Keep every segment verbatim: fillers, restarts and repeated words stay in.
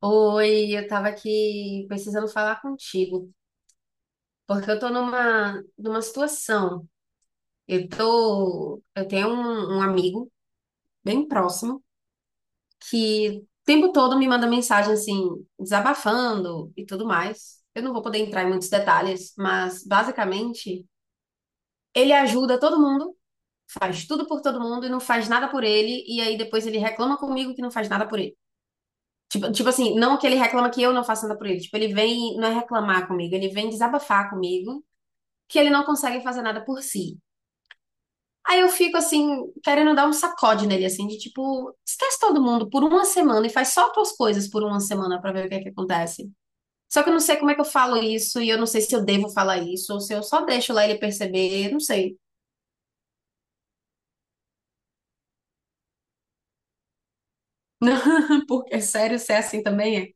Oi, eu tava aqui precisando falar contigo, porque eu tô numa, numa situação. Eu tô, eu tenho um, um amigo bem próximo que o tempo todo me manda mensagem assim, desabafando e tudo mais. Eu não vou poder entrar em muitos detalhes, mas basicamente ele ajuda todo mundo, faz tudo por todo mundo e não faz nada por ele, e aí depois ele reclama comigo que não faz nada por ele. Tipo, tipo assim, não que ele reclama que eu não faço nada por ele. Tipo, ele vem, não é reclamar comigo, ele vem desabafar comigo que ele não consegue fazer nada por si. Aí eu fico assim, querendo dar um sacode nele, assim, de tipo, esquece todo mundo por uma semana e faz só tuas coisas por uma semana pra ver o que é que acontece. Só que eu não sei como é que eu falo isso e eu não sei se eu devo falar isso ou se eu só deixo lá ele perceber, não sei. Porque é sério, se é assim também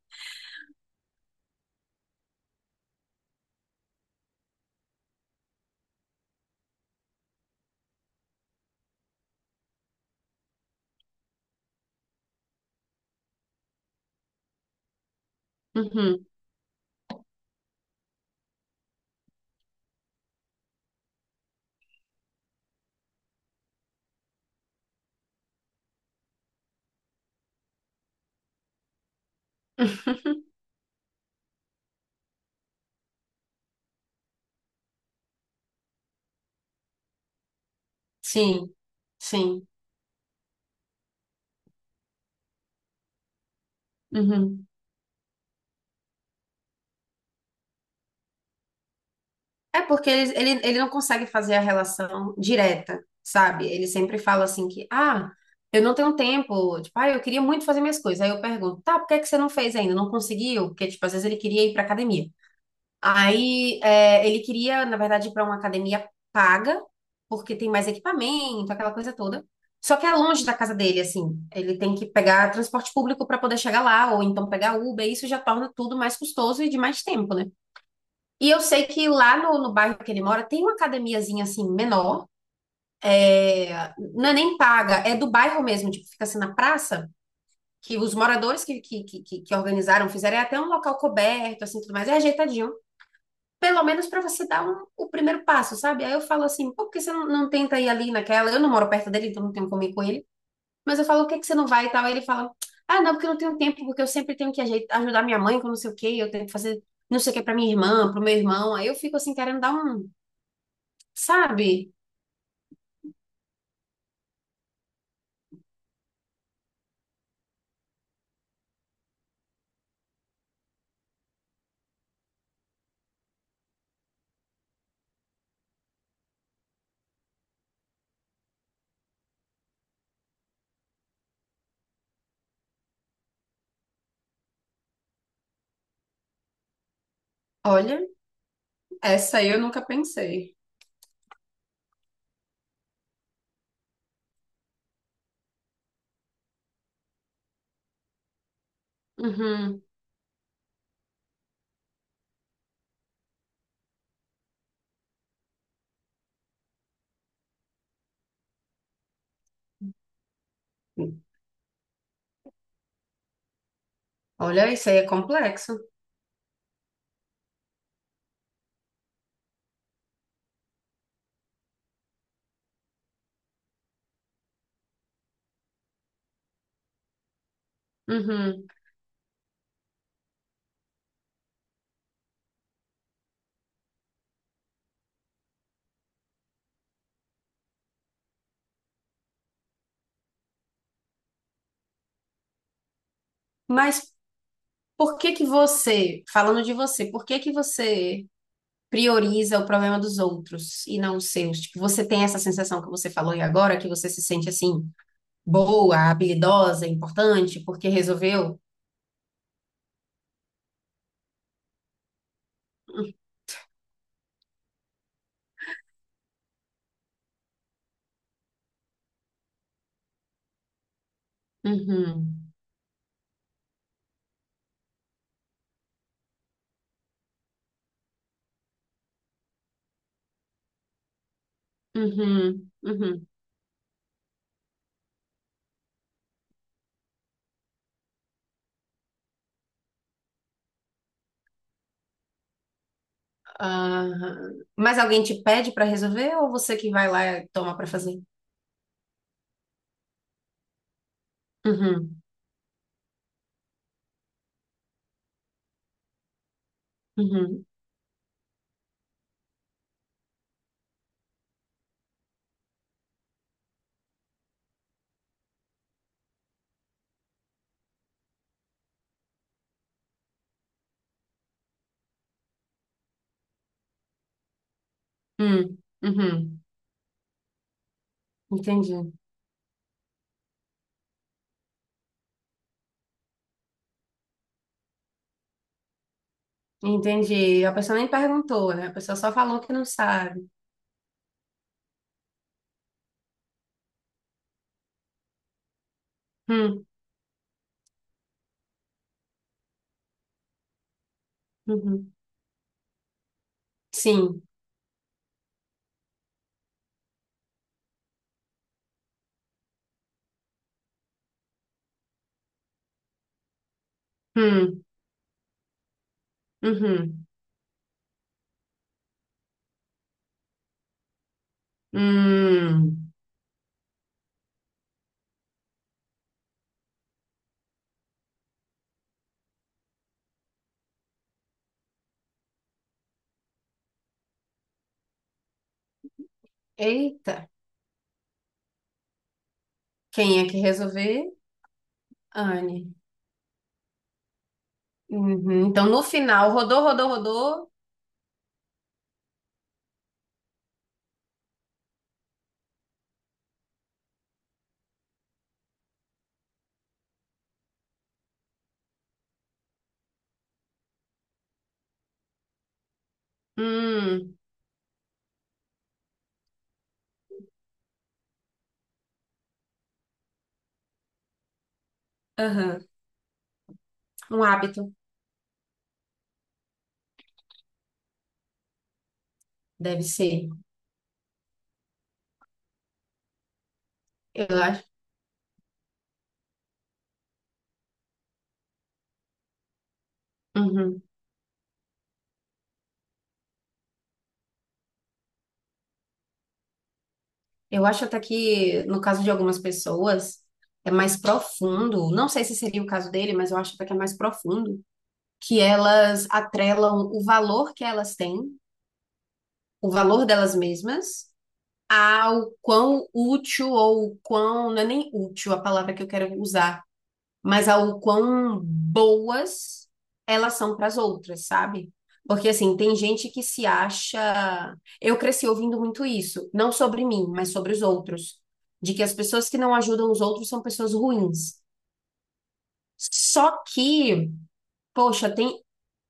é. Uhum. Sim, sim. Uhum. É porque ele, ele, ele não consegue fazer a relação direta, sabe? Ele sempre fala assim que, ah, eu não tenho tempo, tipo, ah, eu queria muito fazer minhas coisas. Aí eu pergunto, tá, por que é que você não fez ainda? Não conseguiu? Porque, tipo, às vezes ele queria ir pra academia. Aí é, ele queria, na verdade, ir pra uma academia paga, porque tem mais equipamento, aquela coisa toda. Só que é longe da casa dele, assim. Ele tem que pegar transporte público pra poder chegar lá, ou então pegar Uber, e isso já torna tudo mais custoso e de mais tempo, né? E eu sei que lá no, no bairro que ele mora tem uma academiazinha assim menor, não é nem paga, é do bairro mesmo, tipo, fica assim na praça, que os moradores que, que, que, que- que organizaram fizeram é até um local coberto, assim, tudo mais, é ajeitadinho. Pelo menos para você dar um- o primeiro passo, sabe? Aí eu falo assim, pô, por que você não, não tenta ir ali naquela? Eu não moro perto dele, então não tenho como ir com ele. Mas eu falo, o que que você não vai e tal? Aí ele fala, ah, não, porque eu não tenho tempo, porque eu sempre tenho que ajeitar, ajudar minha mãe com não sei o quê, eu tenho que fazer não sei o que para minha irmã, pro meu irmão. Aí eu fico assim, querendo dar um, sabe? Olha, essa aí eu nunca pensei. Uhum. Olha, isso aí é complexo. Uhum. Mas por que que você, falando de você, por que que você prioriza o problema dos outros e não os seus? Tipo, você tem essa sensação que você falou aí agora, que você se sente assim, boa, habilidosa, importante, porque resolveu? Uhum. Uhum. Uhum. Aham. Mas alguém te pede para resolver ou você que vai lá e toma para fazer? Uhum. Uhum. Uhum. Uhum. Entendi, entendi. A pessoa nem perguntou, né? A pessoa só falou que não sabe. Hum, uhum. Sim. Hum, uhum. Hum. Eita, quem é que resolver? Anne. Uhum. Então, no final, rodou, rodou, rodou. Hum, aham. Um hábito, deve ser. Eu acho. Uhum. Eu acho até que, no caso de algumas pessoas, é mais profundo. Não sei se seria o caso dele, mas eu acho até que é mais profundo que elas atrelam o valor que elas têm, o valor delas mesmas, ao quão útil ou quão, não é nem útil a palavra que eu quero usar, mas ao quão boas elas são para as outras, sabe? Porque assim, tem gente que se acha. Eu cresci ouvindo muito isso, não sobre mim, mas sobre os outros, de que as pessoas que não ajudam os outros são pessoas ruins. Só que, poxa, tem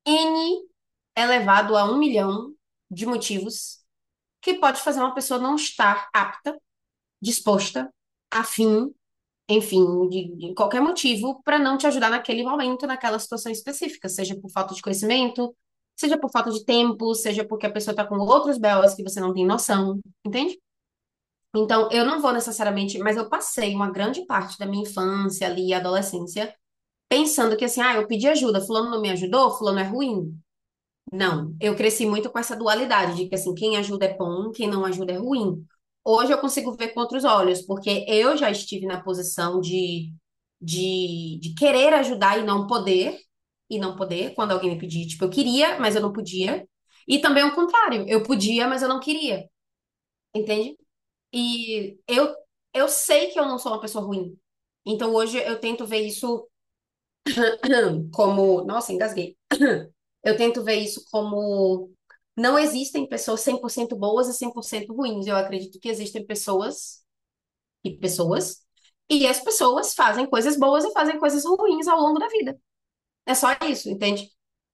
N elevado a um milhão de motivos que pode fazer uma pessoa não estar apta, disposta, afim, enfim, de, de qualquer motivo, para não te ajudar naquele momento, naquela situação específica, seja por falta de conhecimento, seja por falta de tempo, seja porque a pessoa está com outros belas que você não tem noção, entende? Então, eu não vou necessariamente, mas eu passei uma grande parte da minha infância ali, e adolescência, pensando que assim, ah, eu pedi ajuda, fulano não me ajudou, fulano é ruim, não, eu cresci muito com essa dualidade de que assim, quem ajuda é bom, quem não ajuda é ruim. Hoje eu consigo ver com outros olhos, porque eu já estive na posição de, de, de querer ajudar e não poder, e não poder, quando alguém me pedia, tipo, eu queria, mas eu não podia. E também o contrário, eu podia, mas eu não queria, entende? E eu, eu, sei que eu não sou uma pessoa ruim. Então hoje eu tento ver isso como, nossa, engasguei. Eu tento ver isso como não existem pessoas cem por cento boas e cem por cento ruins. Eu acredito que existem pessoas e pessoas, e as pessoas fazem coisas boas e fazem coisas ruins ao longo da vida. É só isso, entende?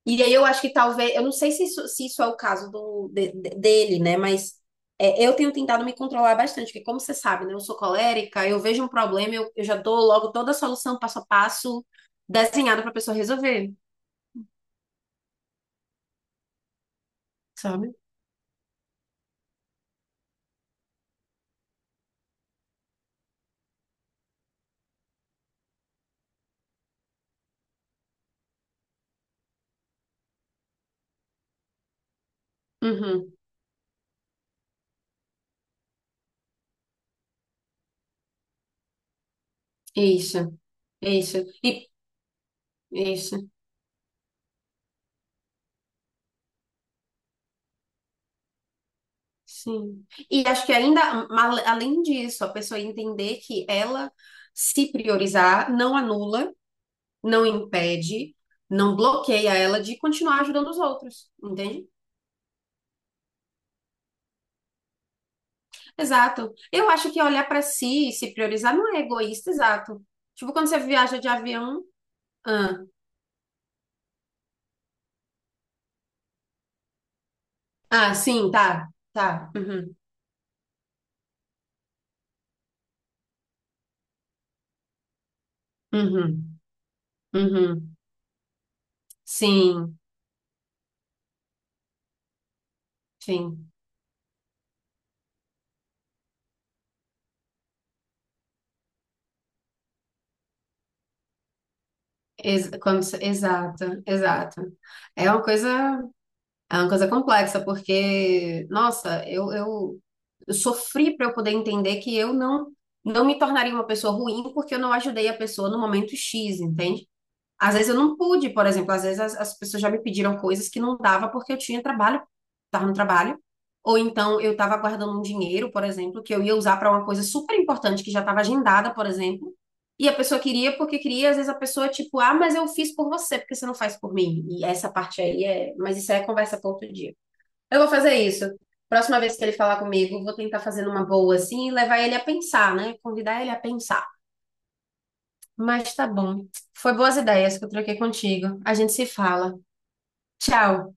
E aí eu acho que talvez, eu não sei se isso, se isso é o caso do, de- de- dele, né? Mas é, eu tenho tentado me controlar bastante, porque como você sabe, né? Eu sou colérica, eu vejo um problema, eu, eu já dou logo toda a solução passo a passo desenhada para a pessoa resolver, sabe? Uhum, isso. É isso, e é isso, sim. E acho que ainda, mal- além disso, a pessoa entender que ela se priorizar não anula, não impede, não bloqueia ela de continuar ajudando os outros, entende? Exato. Eu acho que olhar para si e se priorizar não é egoísta, exato. Tipo, quando você viaja de avião, ah, ah, sim, tá, tá, uhum, uhum, uhum, sim, sim, Ex- quando, você- exato, exato. É uma coisa É uma coisa complexa, porque, nossa, eu, eu, eu, sofri para eu poder entender que eu não, não me tornaria uma pessoa ruim porque eu não ajudei a pessoa no momento X, entende? Às vezes eu não pude, por exemplo, às vezes as, as pessoas já me pediram coisas que não dava porque eu tinha trabalho, estava no trabalho, ou então eu estava guardando um dinheiro, por exemplo, que eu ia usar para uma coisa super importante que já estava agendada, por exemplo, e a pessoa queria porque queria, às vezes a pessoa tipo, ah, mas eu fiz por você, porque você não faz por mim. E essa parte aí é, mas isso aí é conversa para outro dia. Eu vou fazer isso. Próxima vez que ele falar comigo, eu vou tentar fazer numa boa assim e levar ele a pensar, né? Convidar ele a pensar. Mas tá bom. Foi boas ideias que eu troquei contigo. A gente se fala. Tchau.